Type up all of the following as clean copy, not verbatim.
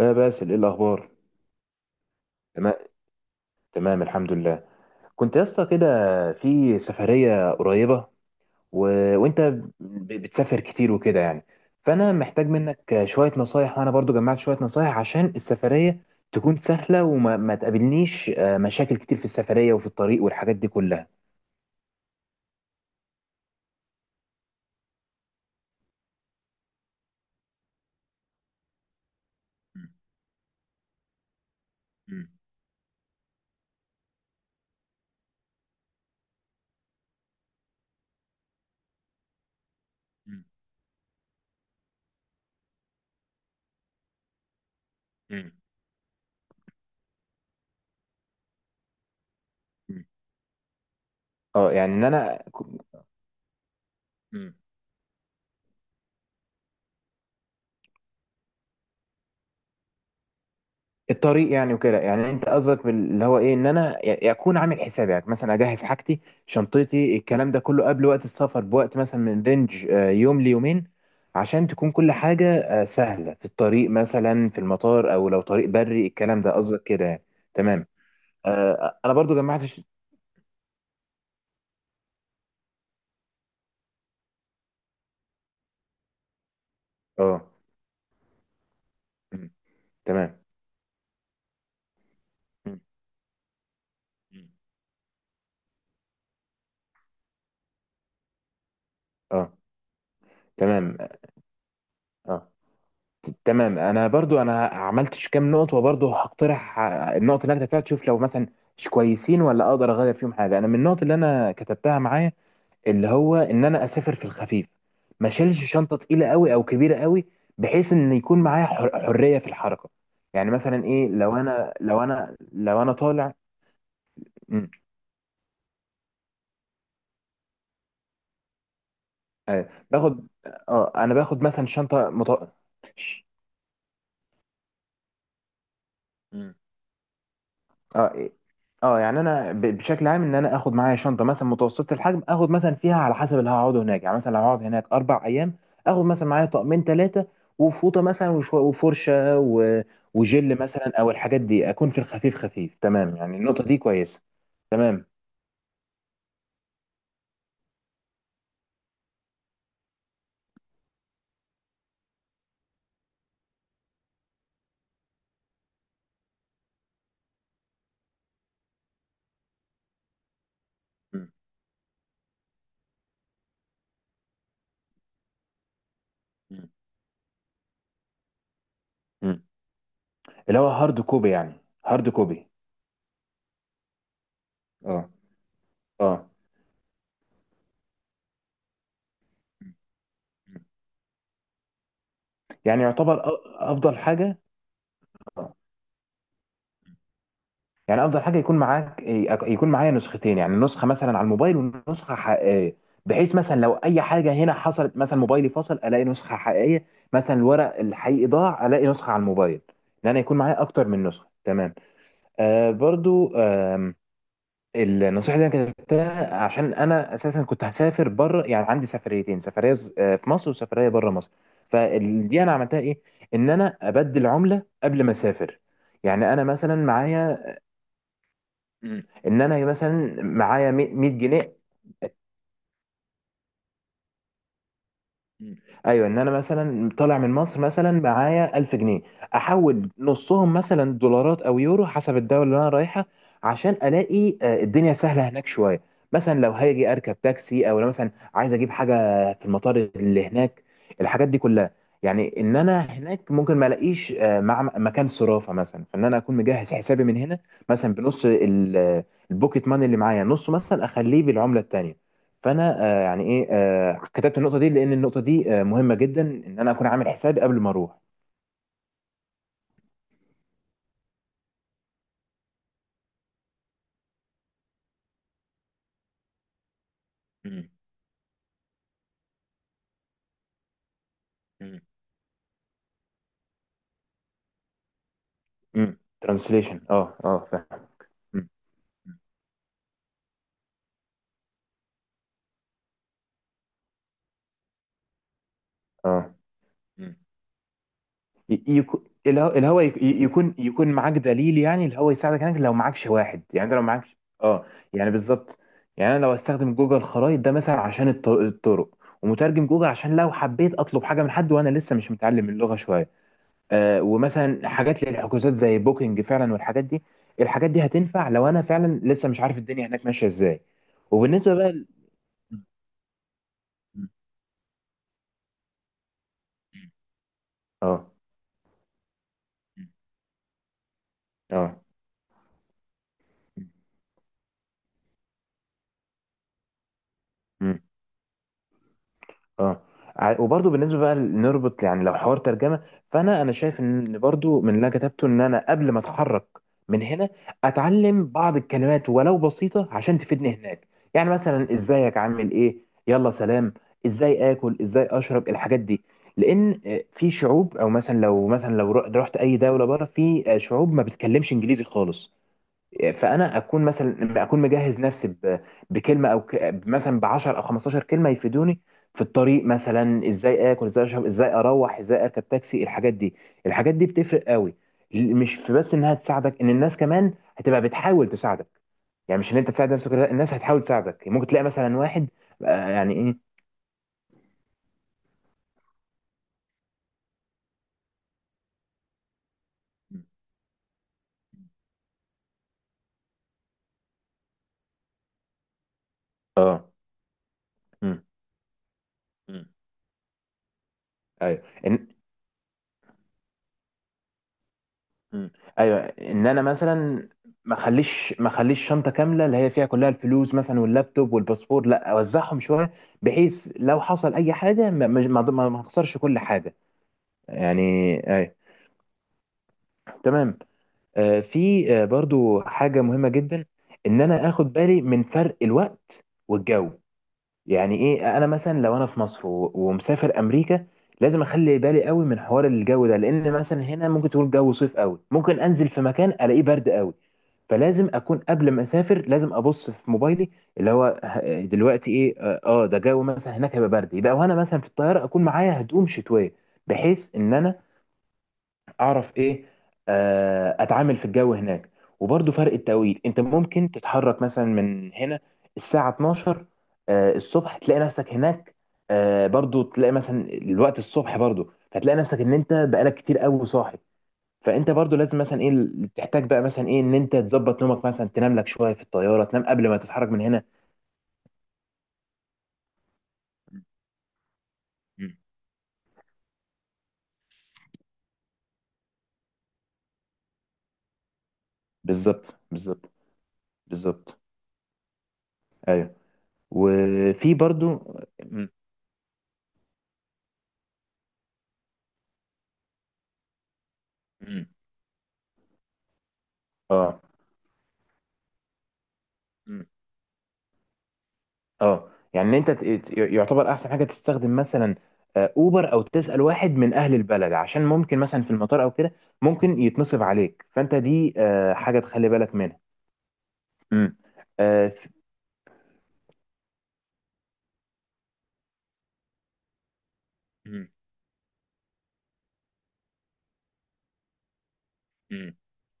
آه، باسل، ايه الاخبار؟ تمام، تمام الحمد لله. كنت يا اسطى كده في سفريه قريبه و... وانت بتسافر كتير وكده يعني، فانا محتاج منك شويه نصايح، وانا برضو جمعت شويه نصايح عشان السفريه تكون سهله وما ما تقابلنيش مشاكل كتير في السفريه وفي الطريق والحاجات دي كلها. مم. مم. مم. مم. اه. يعني ان انا الطريق، يعني وكده يعني انت قصدك اللي هو ايه، ان انا اكون عامل حسابي. يعني مثلا اجهز حاجتي، شنطتي، الكلام ده كله قبل وقت السفر بوقت، مثلا من رينج يوم ليومين، عشان تكون كل حاجة سهلة في الطريق، مثلا في المطار او لو طريق بري، الكلام ده قصدك كده يعني. تمام. انا برضو جمعت اه. م، تمام. م، م. اه، تمام. اه، تمام. انا برضو عملتش كام نقطه، وبرضو هقترح النقط اللي انا كتبتها، تشوف لو مثلا مش كويسين، ولا اقدر اغير فيهم حاجه. انا من النقط اللي انا كتبتها معايا، اللي هو ان انا اسافر في الخفيف، ما شيلش شنطه تقيله قوي او كبيره قوي، بحيث ان يكون معايا حريه في الحركه. يعني مثلا ايه، لو انا طالع. مم، باخد. اه، انا باخد مثلا شنطه اه، إيه. اه، يعني انا بشكل عام ان انا اخد معايا شنطه مثلا متوسطه الحجم، اخد مثلا فيها على حسب اللي هقعده هناك، يعني مثلا لو هقعد هناك 4 ايام، اخد مثلا معايا طقمين، ثلاثه، وفوطه مثلا، وفرشه وجل مثلا، او الحاجات دي، اكون في الخفيف، خفيف تمام، يعني النقطه دي كويسه. تمام. مم. مم. مم. اللي هو هارد كوبي يعني، هارد كوبي. اه. اه. مم. مم. يعني يعتبر افضل حاجه. يعني افضل حاجه يكون معاك إيه، يكون معايا نسختين، يعني نسخه مثلا على الموبايل ونسخه حقيقيه، بحيث مثلا لو اي حاجه هنا حصلت، مثلا موبايلي فصل، الاقي نسخه حقيقيه. مثلا الورق الحقيقي ضاع، الاقي نسخه على الموبايل. ان انا يكون معايا اكتر من نسخه. تمام. برضو النصيحه اللي انا كتبتها، عشان انا اساسا كنت هسافر بره، يعني عندي سفريتين، سفريه في مصر، وسفريه بره مصر. فدي انا عملتها ايه، ان انا ابدل عمله قبل ما اسافر. يعني انا مثلا معايا. مم. ان انا مثلا معايا 100 جنيه. مم. ايوه، ان انا مثلا طالع من مصر مثلا معايا 1000 جنيه، احول نصهم مثلا دولارات او يورو حسب الدوله اللي انا رايحه، عشان الاقي الدنيا سهله هناك شويه. مثلا لو هاجي اركب تاكسي، او لو مثلا عايز اجيب حاجه في المطار اللي هناك، الحاجات دي كلها. يعني ان انا هناك ممكن ما الاقيش مع مكان صرافه مثلا، فان انا اكون مجهز حسابي من هنا، مثلا بنص البوكيت ماني اللي معايا، نصه مثلا اخليه بالعمله التانيه. فانا يعني ايه كتبت النقطه دي، لان النقطه دي مهمه جدا، ان انا اكون عامل حسابي قبل ما اروح. مم. مم. ترانسليشن، اه، اه، فاهم. مم. اه. مم. ي- يكو- الهوا يكون معاك دليل، يعني الهوا يساعدك هناك لو معكش واحد. يعني انت لو معكش، اه، يعني بالظبط. يعني انا لو استخدم جوجل خرائط ده مثلا عشان الطرق، ومترجم جوجل عشان لو حبيت اطلب حاجه من حد وانا لسه مش متعلم اللغه شويه. ومثلا حاجات للحجوزات زي بوكينج فعلا والحاجات دي، الحاجات دي هتنفع لو انا فعلا لسه مش عارف الدنيا هناك ماشيه ازاي. وبالنسبه بقى اه. اه. اه. وبرضه بالنسبه بقى نربط، يعني لو حوار ترجمه، فانا شايف ان برضه من اللي أنا كتبته، ان انا قبل ما اتحرك من هنا، اتعلم بعض الكلمات ولو بسيطه عشان تفيدني هناك. يعني مثلا ازيك، عامل ايه، يلا سلام، ازاي اكل، ازاي اشرب، الحاجات دي. لان في شعوب، او مثلا لو مثلا لو رحت اي دوله بره، في شعوب ما بتتكلمش انجليزي خالص. فانا اكون مثلا، اكون مجهز نفسي بكلمه او مثلا ب 10 او 15 كلمه يفيدوني في الطريق، مثلا ازاي اكل، ازاي اشرب، ازاي اروح، ازاي اركب تاكسي، الحاجات دي. الحاجات دي بتفرق قوي، مش في بس انها تساعدك، ان الناس كمان هتبقى بتحاول تساعدك. يعني مش ان انت تساعد نفسك، لا، الناس هتحاول تساعدك. ممكن تلاقي مثلا واحد يعني ايه. اه. امم. ايوه. إن- مم. ايوه، ان انا مثلا ما اخليش شنطه كامله اللي هي فيها كلها الفلوس مثلا واللابتوب والباسبور، لا، اوزعهم شويه، بحيث لو حصل اي حاجه ما اخسرش كل حاجه يعني. ايوه. تمام. في برضو حاجه مهمه جدا، ان انا اخد بالي من فرق الوقت والجو. يعني ايه، انا مثلا لو انا في مصر ومسافر امريكا، لازم اخلي بالي قوي من حوار الجو ده، لان مثلا هنا ممكن تقول جو صيف قوي، ممكن انزل في مكان الاقيه برد قوي. فلازم اكون قبل ما اسافر لازم ابص في موبايلي، اللي هو دلوقتي ايه، اه، ده جو مثلا هناك هيبقى برد، يبقى وانا مثلا في الطياره اكون معايا هدوم شتويه، بحيث ان انا اعرف ايه، اتعامل في الجو هناك. وبرضه فرق التوقيت، انت ممكن تتحرك مثلا من هنا الساعة 12 الصبح، تلاقي نفسك هناك، برضه تلاقي مثلا الوقت الصبح برضه، فتلاقي نفسك ان انت بقالك كتير قوي صاحي. فانت برضه لازم مثلا ايه تحتاج بقى مثلا ايه ان انت تظبط نومك، مثلا تنام لك شوية في الطيارة، تنام قبل ما تتحرك من هنا. مم. بالظبط، بالظبط، بالظبط. ايوه. وفي برضه. مم. مم. اه. اه. يعني إن انت يعتبر احسن حاجه تستخدم مثلا اوبر، او تسال واحد من اهل البلد، عشان ممكن مثلا في المطار او كده ممكن يتنصب عليك. فانت دي حاجه تخلي بالك منها. امم. اه. مم. مم.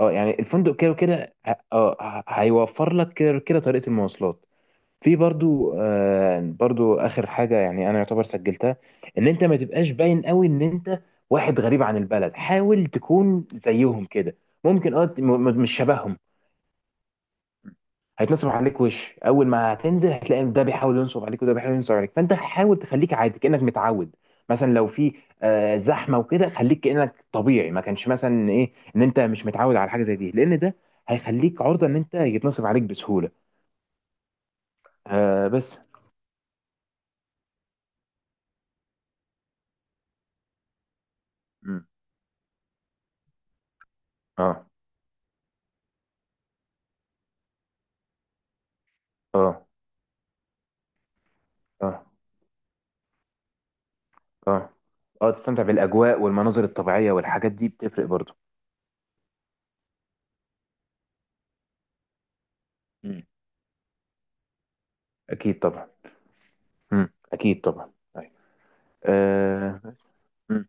يعني الفندق كده وكده هيوفر لك كده كده طريقه المواصلات. في برضو برضو اخر حاجه، يعني انا يعتبر سجلتها، ان انت ما تبقاش باين قوي ان انت واحد غريب عن البلد، حاول تكون زيهم كده. ممكن، اه، مش شبههم، هيتنصب عليك. وش اول ما هتنزل هتلاقي ان ده بيحاول ينصب عليك، وده بيحاول ينصب عليك، فانت حاول تخليك عادي كانك متعود. مثلا لو في زحمه وكده، خليك كانك طبيعي، ما كانش مثلا ايه ان انت مش متعود على حاجه زي دي، لان ده هيخليك عرضه ان انت يتنصب عليك بسهوله. آه، بس. مم. اه. اه. اه. اه. اه. تستمتع بالاجواء والمناظر الطبيعيه والحاجات دي بتفرق برضه. مم. اكيد طبعا. مم. اكيد طبعا. أيوة. آه. مم.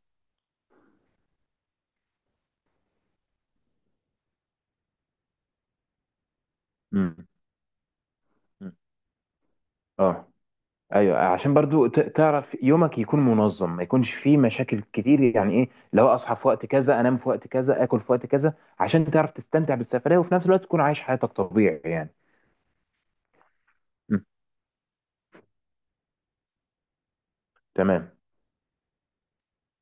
مم. مم. اه. ايوه، عشان برضو تعرف يومك يكون منظم، ما يكونش فيه مشاكل كتير. يعني ايه، لو اصحى في وقت كذا، انام في وقت كذا، اكل في وقت كذا، عشان تعرف تستمتع بالسفرية وفي نفس الوقت تكون عايش حياتك طبيعي يعني. م، تمام.